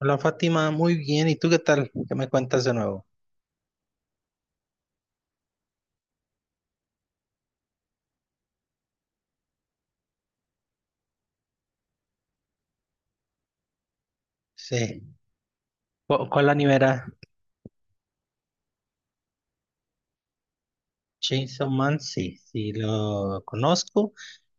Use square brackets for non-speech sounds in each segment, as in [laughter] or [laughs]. Hola Fátima, muy bien. ¿Y tú qué tal? ¿Qué me cuentas de nuevo? Sí. ¿Cuál anime era? Chainsaw Man, sí, sí lo conozco,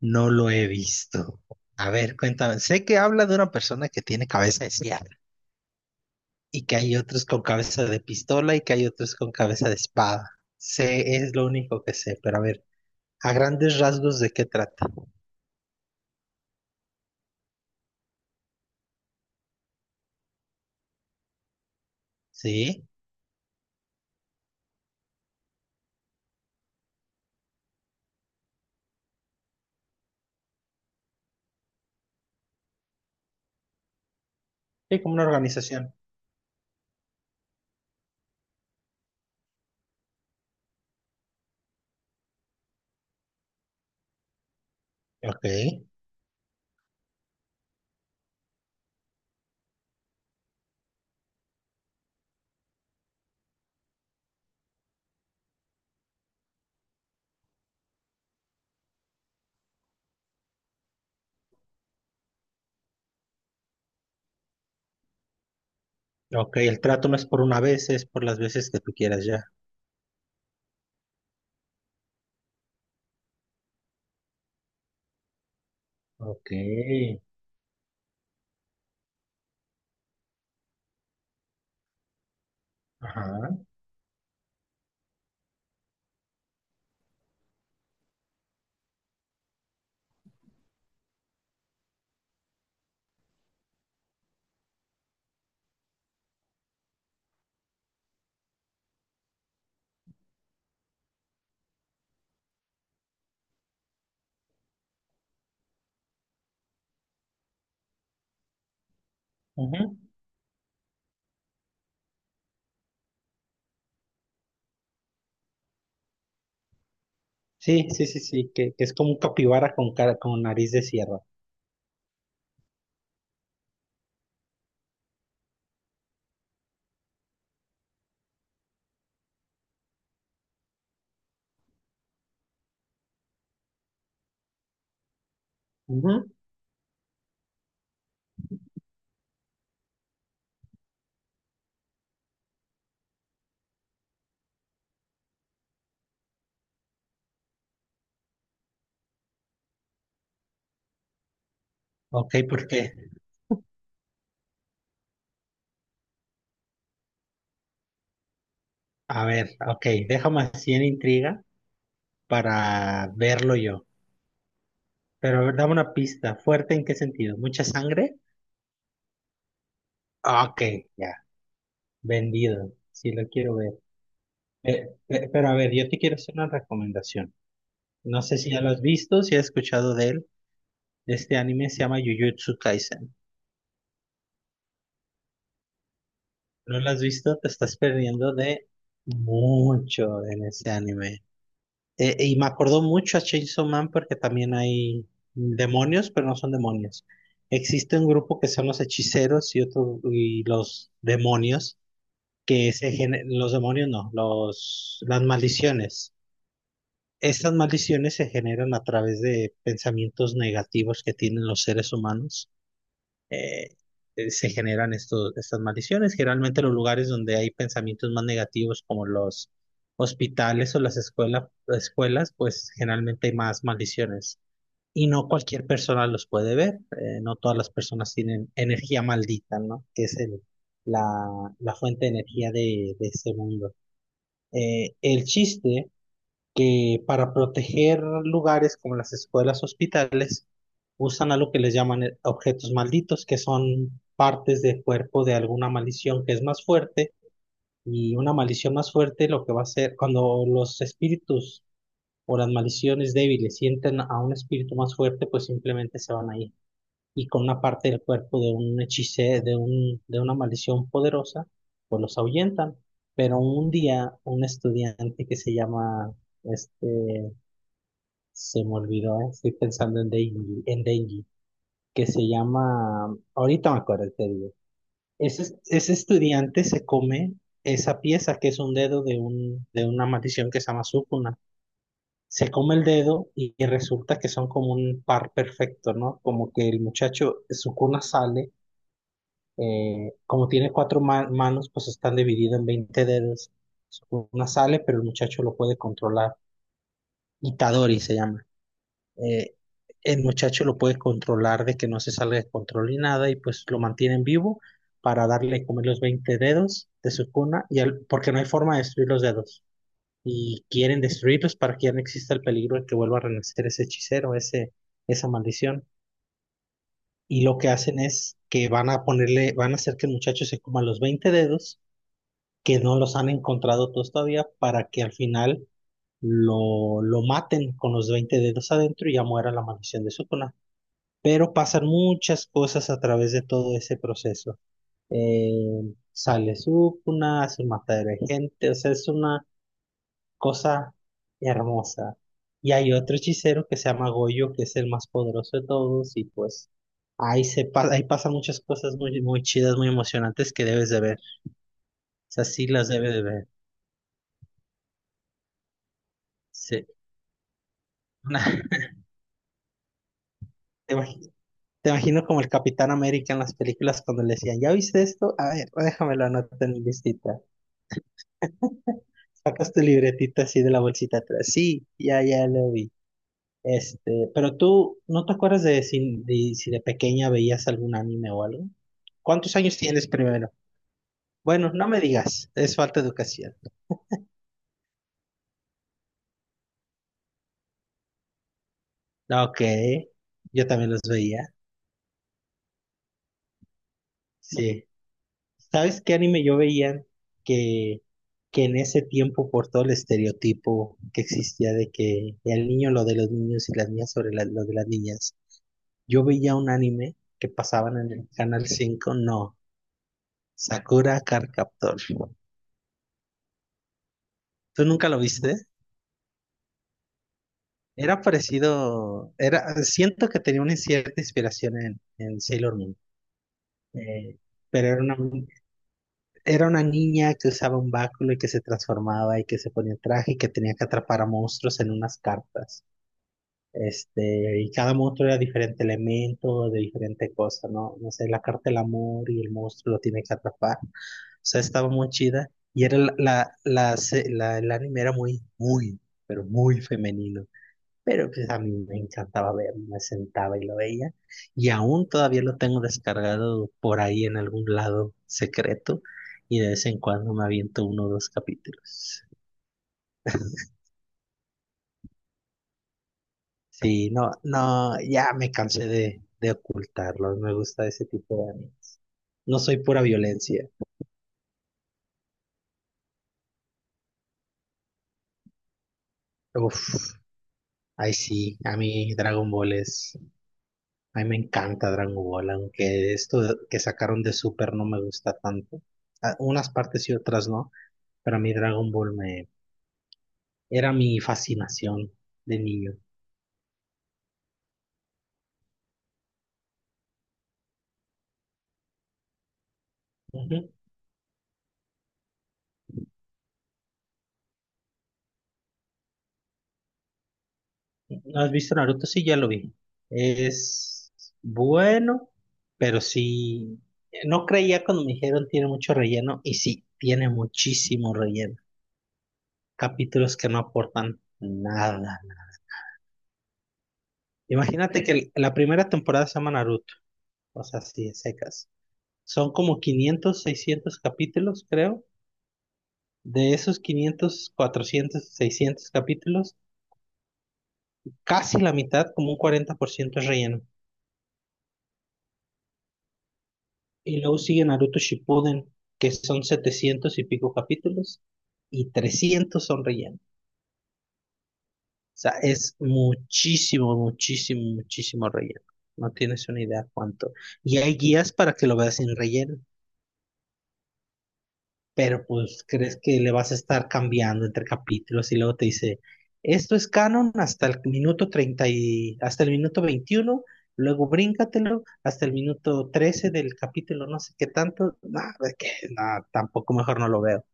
no lo he visto. A ver, cuéntame. Sé que habla de una persona que tiene cabeza de sierra y que hay otros con cabeza de pistola y que hay otros con cabeza de espada. Sé, es lo único que sé, pero a ver, a grandes rasgos de qué trata. Sí, sí, como una organización. Ok, ok, el trato no es por una vez, es por las veces que tú quieras ya. Ok. Ajá. Ujú. Sí, sí, sí, sí, que es como un capibara con cara, con nariz de sierra. Ujú. Ok, porque, a ver, ok, déjame así en intriga para verlo yo. Pero a ver, dame una pista. ¿Fuerte en qué sentido? ¿Mucha sangre? Ok, ya, vendido. Sí, lo quiero ver. Pero a ver, yo te quiero hacer una recomendación. No sé si ya lo has visto, si has escuchado de él. Este anime se llama Jujutsu Kaisen. No lo has visto, te estás perdiendo de mucho en ese anime. Y me acordó mucho a Chainsaw Man porque también hay demonios, pero no son demonios. Existe un grupo que son los hechiceros y otro y los demonios, que los demonios no, los las maldiciones. Estas maldiciones se generan a través de pensamientos negativos que tienen los seres humanos. eh, Se generan estos, estas maldiciones. Generalmente los lugares donde hay pensamientos más negativos, como los hospitales o las escuelas, pues generalmente hay más maldiciones. Y no cualquier persona los puede ver. No todas las personas tienen energía maldita, ¿no? Que es la, la fuente de energía de este mundo. El chiste que para proteger lugares como las escuelas, hospitales, usan algo que les llaman objetos malditos, que son partes del cuerpo de alguna maldición que es más fuerte, y una maldición más fuerte lo que va a hacer cuando los espíritus o las maldiciones débiles sienten a un espíritu más fuerte, pues simplemente se van a ir. Y con una parte del cuerpo de un hechicero, de un, de una maldición poderosa, pues los ahuyentan. Pero un día un estudiante que se llama, este, se me olvidó, estoy pensando en Denji, que se llama, ahorita me acuerdo, te digo. Ese estudiante se come esa pieza que es un dedo de una maldición que se llama Sukuna. Se come el dedo y resulta que son como un par perfecto, ¿no? Como que el muchacho, Sukuna sale, como tiene cuatro manos, pues están divididos en 20 dedos. Sukuna sale, pero el muchacho lo puede controlar. Itadori se llama. eh, el muchacho lo puede controlar de que no se salga de control ni nada y pues lo mantienen vivo para darle a comer los 20 dedos de su cuna y porque no hay forma de destruir los dedos y quieren destruirlos para que ya no exista el peligro de que vuelva a renacer ese hechicero, esa maldición. Y lo que hacen es que van a ponerle, van a hacer que el muchacho se coma los 20 dedos que no los han encontrado todos todavía para que al final lo maten con los 20 dedos adentro y ya muera la maldición de su cuna, pero pasan muchas cosas a través de todo ese proceso. Sale Sukuna, hace un matadero de gente, o sea, es una cosa hermosa. Y hay otro hechicero que se llama Goyo, que es el más poderoso de todos, y pues ahí ahí pasan muchas cosas muy, muy chidas, muy emocionantes que debes de ver. O sea, sí las debes de ver. Sí. [laughs] Te imagi- te imagino como el Capitán América en las películas cuando le decían, ¿ya viste esto? A ver, déjamelo anotar en mi listita. Sacas tu libretita así de la bolsita atrás. Sí, ya, ya lo vi. Este, pero tú, ¿no te acuerdas de si de, si de pequeña veías algún anime o algo? ¿Cuántos años tienes primero? Bueno, no me digas, es falta de educación. Ok, yo también los veía. Sí. ¿Sabes qué anime yo veía? Que, que en ese tiempo, por todo el estereotipo que existía de que el niño lo de los niños y las niñas sobre lo de las niñas, yo veía un anime que pasaban en el Canal 5, ¿no? Sakura Card Captor. ¿Tú nunca lo viste? Era parecido, era, siento que tenía una cierta inspiración en Sailor Moon, eh, pero era una niña que usaba un báculo y que se transformaba y que se ponía traje y que tenía que atrapar a monstruos en unas cartas. Este, y cada monstruo era diferente elemento, de diferente cosa, ¿no? No sé, la carta del amor y el monstruo lo tiene que atrapar. Sea, estaba muy chida y era el anime era muy, muy, pero muy femenino. Pero pues a mí me encantaba verlo, me sentaba y lo veía. Y aún todavía lo tengo descargado por ahí en algún lado secreto y de vez en cuando me aviento uno o dos capítulos. Sí, no, no, ya me cansé de ocultarlo, me gusta ese tipo de animes. No soy pura violencia. Uf, ay sí, a mí Dragon Ball es... A mí me encanta Dragon Ball, aunque esto que sacaron de Super no me gusta tanto. A- unas partes y otras no, pero a mí Dragon Ball me era mi fascinación de niño. Ujú. ¿No has visto Naruto? Sí, ya lo vi. Es bueno, pero sí, no creía cuando me dijeron tiene mucho relleno y sí, tiene muchísimo relleno. Capítulos que no aportan nada. Imagínate que la primera temporada se llama Naruto, o sea, sí, secas. Son como 500, 600 capítulos, creo. De esos 500, 400, 600 capítulos, casi la mitad, como un 40% es relleno. Y luego sigue Naruto Shippuden, que son 700 y pico capítulos, y 300 son relleno. O sea, es muchísimo, muchísimo, muchísimo relleno. No tienes una idea cuánto. Y hay guías para que lo veas sin relleno, pero pues crees que le vas a estar cambiando entre capítulos y luego te dice, esto es canon hasta el minuto 30 y hasta el minuto 21, luego bríncatelo hasta el minuto 13 del capítulo, no sé qué tanto, nada, que nada, tampoco mejor no lo veo.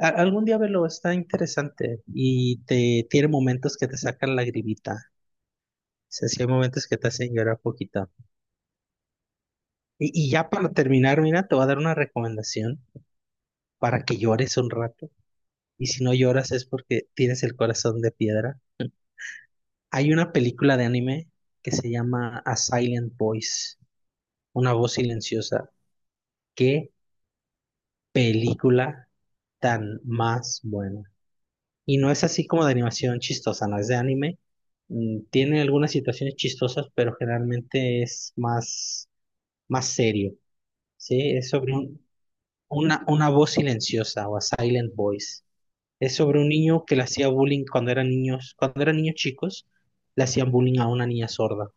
Algún día velo, está interesante y te tiene momentos que te sacan la gribita. O sea, sí hay momentos que te hacen llorar poquito. Y ya para terminar, mira, te voy a dar una recomendación para que llores un rato. Y si no lloras es porque tienes el corazón de piedra. Hay una película de anime que se llama A Silent Voice, una voz silenciosa. Qué película tan más buena. Y no es así como de animación chistosa, no es de anime. Tiene algunas situaciones chistosas, pero generalmente es más serio. Sí, es sobre una voz silenciosa o A Silent Voice. Es sobre un niño que le hacía bullying cuando eran niños chicos, le hacían bullying a una niña sorda.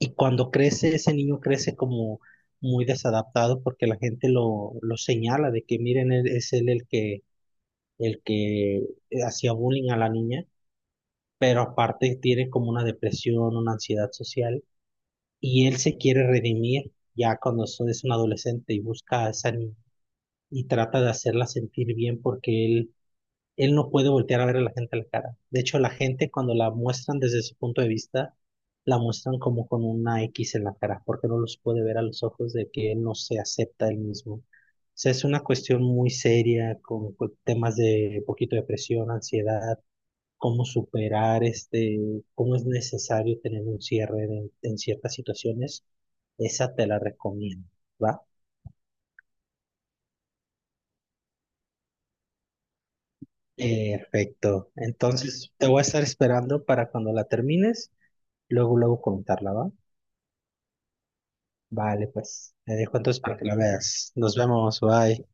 Y cuando crece, ese niño crece como muy desadaptado porque la gente lo señala de que miren, es él el que hacía bullying a la niña, pero aparte tiene como una depresión, una ansiedad social, y él se quiere redimir ya cuando es un adolescente y busca a esa niña y trata de hacerla sentir bien porque él no puede voltear a ver a la gente a la cara. De hecho, la gente cuando la muestran desde su punto de vista, la muestran como con una X en la cara, porque no los puede ver a los ojos de que él no se acepta él mismo. O sea, es una cuestión muy seria con temas de poquito depresión, ansiedad, cómo superar este, cómo es necesario tener un cierre en ciertas situaciones. Esa te la recomiendo, ¿va? Perfecto. Entonces, te voy a estar esperando para cuando la termines, luego, luego comentarla, ¿va? Vale, pues, te dejo entonces para que la veas. Nos vemos, bye.